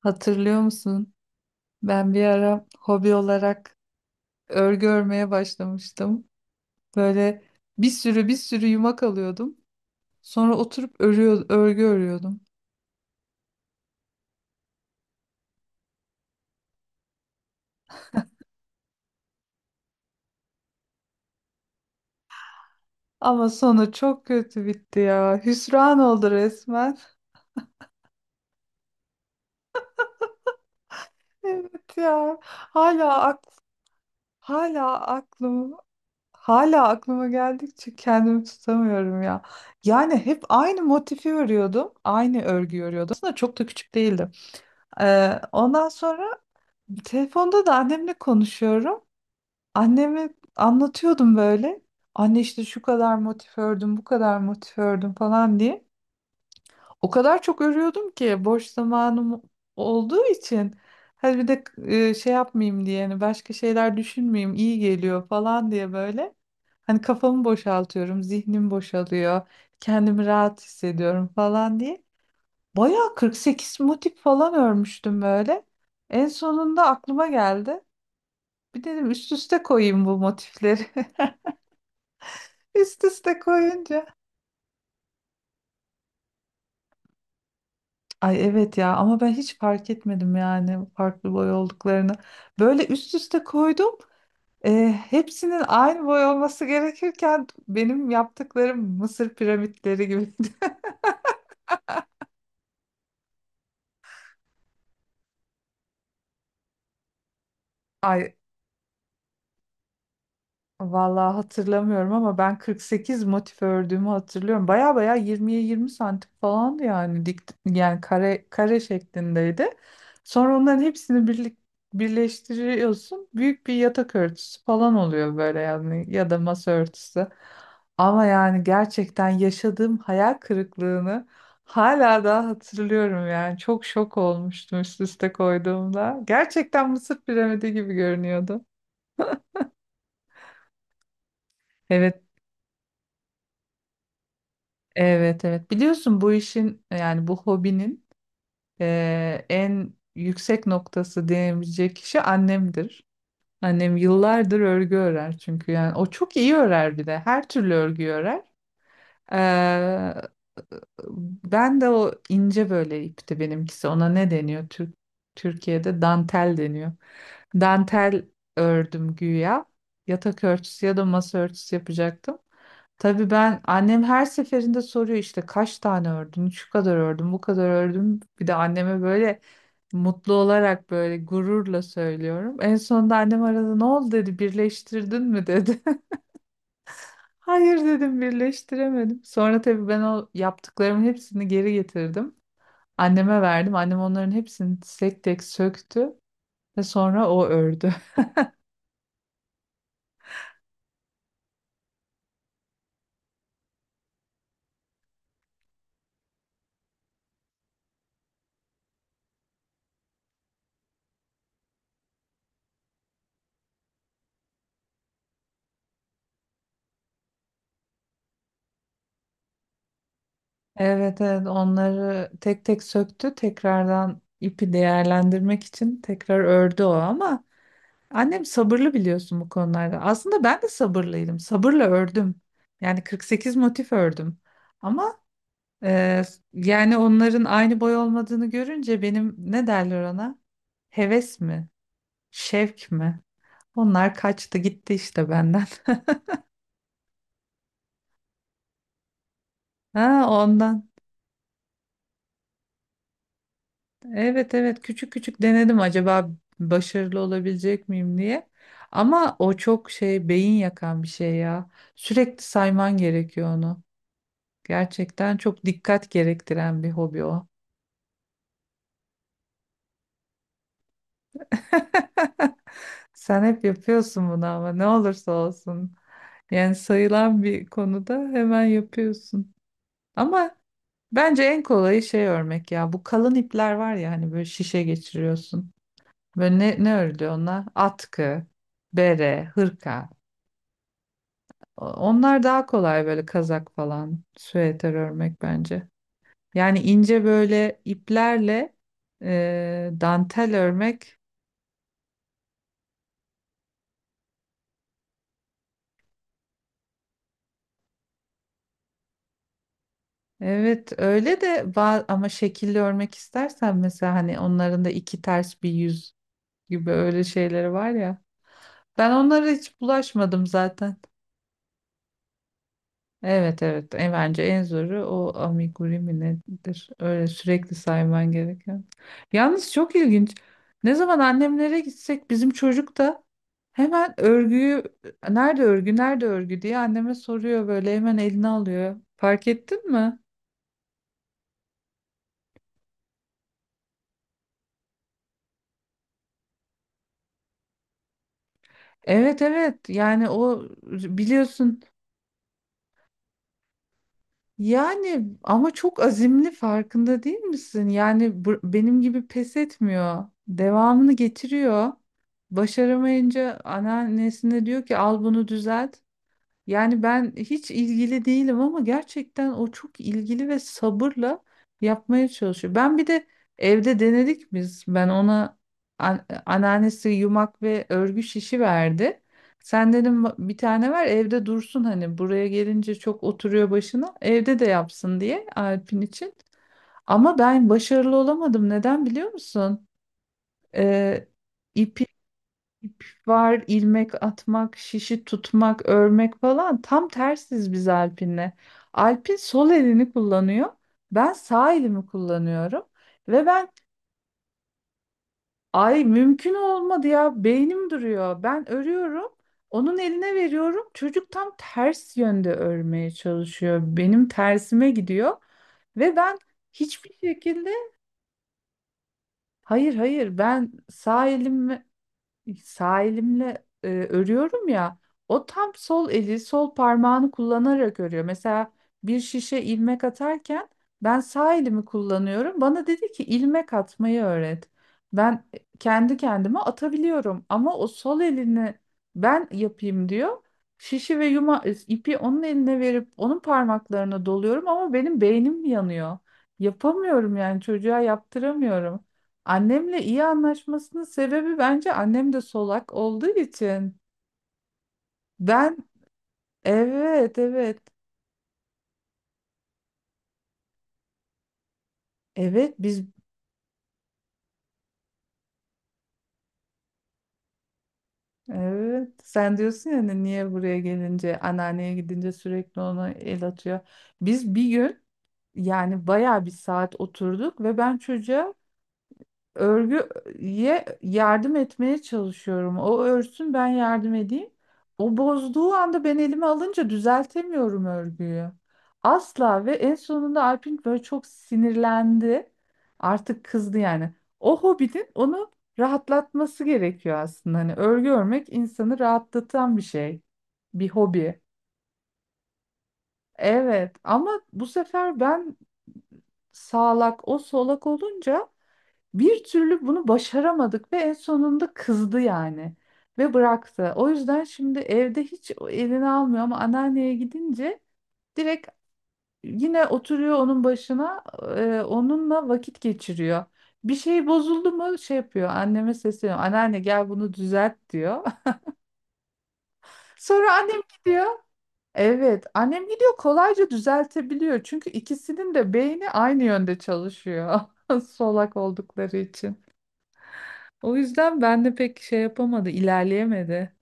Hatırlıyor musun? Ben bir ara hobi olarak örgü örmeye başlamıştım. Böyle bir sürü bir sürü yumak alıyordum. Sonra oturup örgü örüyordum. Ama sonu çok kötü bitti ya. Hüsran oldu resmen. Evet ya. Hala aklım hala aklıma geldikçe kendimi tutamıyorum ya. Yani hep aynı motifi örüyordum. Aynı örgü örüyordum. Aslında çok da küçük değildim. Ondan sonra telefonda da annemle konuşuyorum. Anneme anlatıyordum böyle. Anne işte şu kadar motif ördüm, bu kadar motif ördüm falan diye. O kadar çok örüyordum ki boş zamanım olduğu için. Hadi bir de şey yapmayayım diye, hani başka şeyler düşünmeyeyim, iyi geliyor falan diye böyle. Hani kafamı boşaltıyorum, zihnim boşalıyor, kendimi rahat hissediyorum falan diye. Bayağı 48 motif falan örmüştüm böyle. En sonunda aklıma geldi. Bir dedim üst üste koyayım bu motifleri. Üst üste koyunca. Ay evet ya ama ben hiç fark etmedim yani farklı boy olduklarını. Böyle üst üste koydum. E, hepsinin aynı boy olması gerekirken benim yaptıklarım Mısır piramitleri gibi. Ay vallahi hatırlamıyorum ama ben 48 motif ördüğümü hatırlıyorum. Baya baya 20'ye 20 santim falandı yani dik yani kare kare şeklindeydi. Sonra onların hepsini birleştiriyorsun. Büyük bir yatak örtüsü falan oluyor böyle yani ya da masa örtüsü. Ama yani gerçekten yaşadığım hayal kırıklığını hala daha hatırlıyorum yani. Çok şok olmuştum üst üste koyduğumda. Gerçekten Mısır piramidi gibi görünüyordu. Evet, evet, evet, biliyorsun bu işin yani bu hobinin en yüksek noktası diyebilecek kişi annemdir. Annem yıllardır örgü örer çünkü yani o çok iyi örer bir de her türlü örgü örer. Ee, Ben de o ince böyle ipti benimkisi. Ona ne deniyor? Türkiye'de dantel deniyor. Dantel ördüm güya. Yatak örtüsü ya da masa örtüsü yapacaktım. Tabii ben annem her seferinde soruyor işte kaç tane ördün, şu kadar ördüm, bu kadar ördüm. Bir de anneme böyle mutlu olarak böyle gururla söylüyorum. En sonunda annem aradı ne oldu dedi birleştirdin mi dedi. Hayır dedim birleştiremedim. Sonra tabii ben o yaptıklarımın hepsini geri getirdim. Anneme verdim. Annem onların hepsini tek tek söktü ve sonra o ördü. Evet, evet, onları tek tek söktü. Tekrardan ipi değerlendirmek için tekrar ördü o ama annem sabırlı biliyorsun bu konularda. Aslında ben de sabırlıydım. Sabırla ördüm. Yani 48 motif ördüm. Ama Ee, yani onların aynı boy olmadığını görünce benim ne derler ona? Heves mi? Şevk mi? Onlar kaçtı gitti işte benden. Ha ondan. Evet, evet, küçük küçük denedim acaba başarılı olabilecek miyim diye. Ama o çok şey beyin yakan bir şey ya. Sürekli sayman gerekiyor onu. Gerçekten çok dikkat gerektiren bir hobi o. Sen hep yapıyorsun bunu ama ne olursa olsun. Yani sayılan bir konuda hemen yapıyorsun. Ama bence en kolayı şey örmek ya. Bu kalın ipler var ya hani böyle şişe geçiriyorsun. Böyle ne örülüyor onlar? Atkı, bere, hırka. Onlar daha kolay böyle kazak falan, süeter örmek bence. Yani ince böyle iplerle dantel örmek. Evet öyle de ama şekilli örmek istersen mesela hani onların da iki ters bir yüz gibi öyle şeyleri var ya. Ben onlara hiç bulaşmadım zaten. Evet, evet, bence en zoru o amigurumi mi nedir? Öyle sürekli sayman gereken. Yalnız çok ilginç. Ne zaman annemlere gitsek bizim çocuk da hemen örgüyü nerede örgü nerede örgü diye anneme soruyor böyle hemen eline alıyor. Fark ettin mi? Evet, evet, yani o biliyorsun yani ama çok azimli farkında değil misin? Yani benim gibi pes etmiyor. Devamını getiriyor. Başaramayınca anneannesine diyor ki al bunu düzelt. Yani ben hiç ilgili değilim ama gerçekten o çok ilgili ve sabırla yapmaya çalışıyor. Ben bir de evde denedik biz. Ben ona anneannesi yumak ve örgü şişi verdi. Sen dedim bir tane ver evde dursun hani buraya gelince çok oturuyor başına. Evde de yapsın diye Alp'in için. Ama ben başarılı olamadım. Neden biliyor musun? Ee, İp var, ilmek atmak, şişi tutmak, örmek falan. Tam tersiz biz Alpin'le. Alpin sol elini kullanıyor. Ben sağ elimi kullanıyorum. Ve ben ay mümkün olmadı ya beynim duruyor. Ben örüyorum. Onun eline veriyorum. Çocuk tam ters yönde örmeye çalışıyor. Benim tersime gidiyor. Ve ben hiçbir şekilde hayır, hayır, ben sağ elimle örüyorum ya o tam sol eli sol parmağını kullanarak örüyor. Mesela bir şişe ilmek atarken ben sağ elimi kullanıyorum. Bana dedi ki ilmek atmayı öğret. Ben kendi kendime atabiliyorum ama o sol elini ben yapayım diyor. Şişi ve ipi onun eline verip onun parmaklarına doluyorum ama benim beynim yanıyor. Yapamıyorum yani çocuğa yaptıramıyorum. Annemle iyi anlaşmasının sebebi bence annem de solak olduğu için. Ben evet, evet, evet. Evet, sen diyorsun ya hani niye buraya gelince anneanneye gidince sürekli ona el atıyor. Biz bir gün yani bayağı bir saat oturduk ve ben çocuğa örgüye yardım etmeye çalışıyorum. O örsün ben yardım edeyim. O bozduğu anda ben elime alınca düzeltemiyorum örgüyü. Asla. Ve en sonunda Alpin böyle çok sinirlendi. Artık kızdı yani. O hobinin onu rahatlatması gerekiyor aslında. Hani örgü örmek insanı rahatlatan bir şey. Bir hobi. Evet ama bu sefer ben sağlak o solak olunca bir türlü bunu başaramadık ve en sonunda kızdı yani ve bıraktı. O yüzden şimdi evde hiç elini almıyor ama anneanneye gidince direkt yine oturuyor onun başına, onunla vakit geçiriyor. Bir şey bozuldu mu şey yapıyor anneme sesleniyor anneanne gel bunu düzelt diyor. Sonra annem gidiyor. Evet annem gidiyor kolayca düzeltebiliyor çünkü ikisinin de beyni aynı yönde çalışıyor solak oldukları için. O yüzden ben de pek şey yapamadı, ilerleyemedi.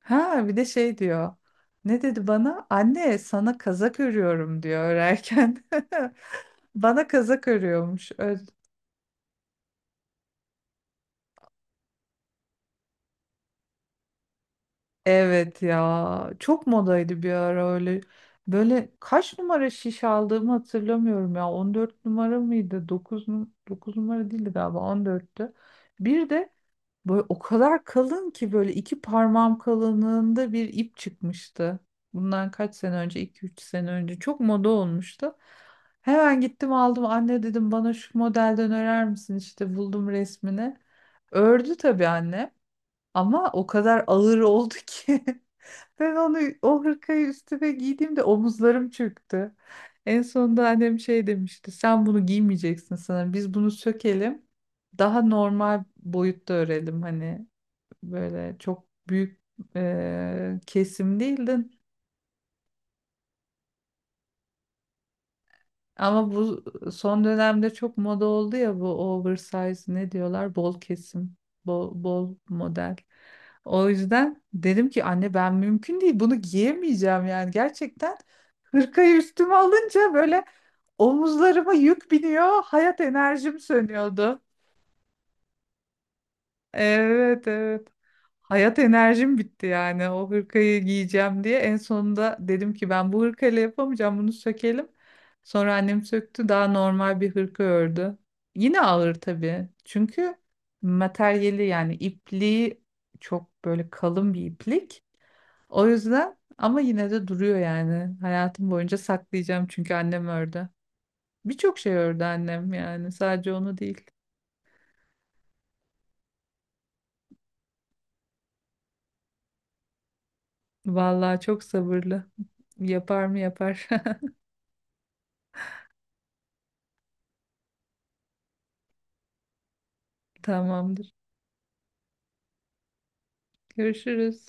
Ha bir de şey diyor. Ne dedi bana? Anne sana kazak örüyorum diyor örerken. Bana kazak örüyormuş. Evet ya. Çok modaydı bir ara öyle. Böyle kaç numara şiş aldığımı hatırlamıyorum ya. 14 numara mıydı? Dokuz numara değildi galiba 14'tü. Bir de böyle o kadar kalın ki böyle iki parmağım kalınlığında bir ip çıkmıştı. Bundan kaç sene önce, iki üç sene önce çok moda olmuştu. Hemen gittim aldım anne dedim bana şu modelden örer misin işte buldum resmini. Ördü tabii anne ama o kadar ağır oldu ki ben onu o hırkayı üstüme giydiğimde omuzlarım çöktü. En sonunda annem şey demişti sen bunu giymeyeceksin sana biz bunu sökelim daha normal boyutta örelim hani böyle çok büyük kesim değildin. Ama bu son dönemde çok moda oldu ya bu oversize ne diyorlar? Bol kesim, bol model. O yüzden dedim ki anne ben mümkün değil bunu giyemeyeceğim yani gerçekten hırkayı üstüme alınca böyle omuzlarıma yük biniyor hayat enerjim sönüyordu. Evet, evet. Hayat enerjim bitti yani o hırkayı giyeceğim diye. En sonunda dedim ki ben bu hırkayla yapamayacağım bunu sökelim. Sonra annem söktü daha normal bir hırka ördü. Yine ağır tabii. Çünkü materyali yani ipliği çok böyle kalın bir iplik. O yüzden ama yine de duruyor yani. Hayatım boyunca saklayacağım çünkü annem ördü. Birçok şey ördü annem yani sadece onu değil. Vallahi çok sabırlı. Yapar mı yapar. Tamamdır. Görüşürüz.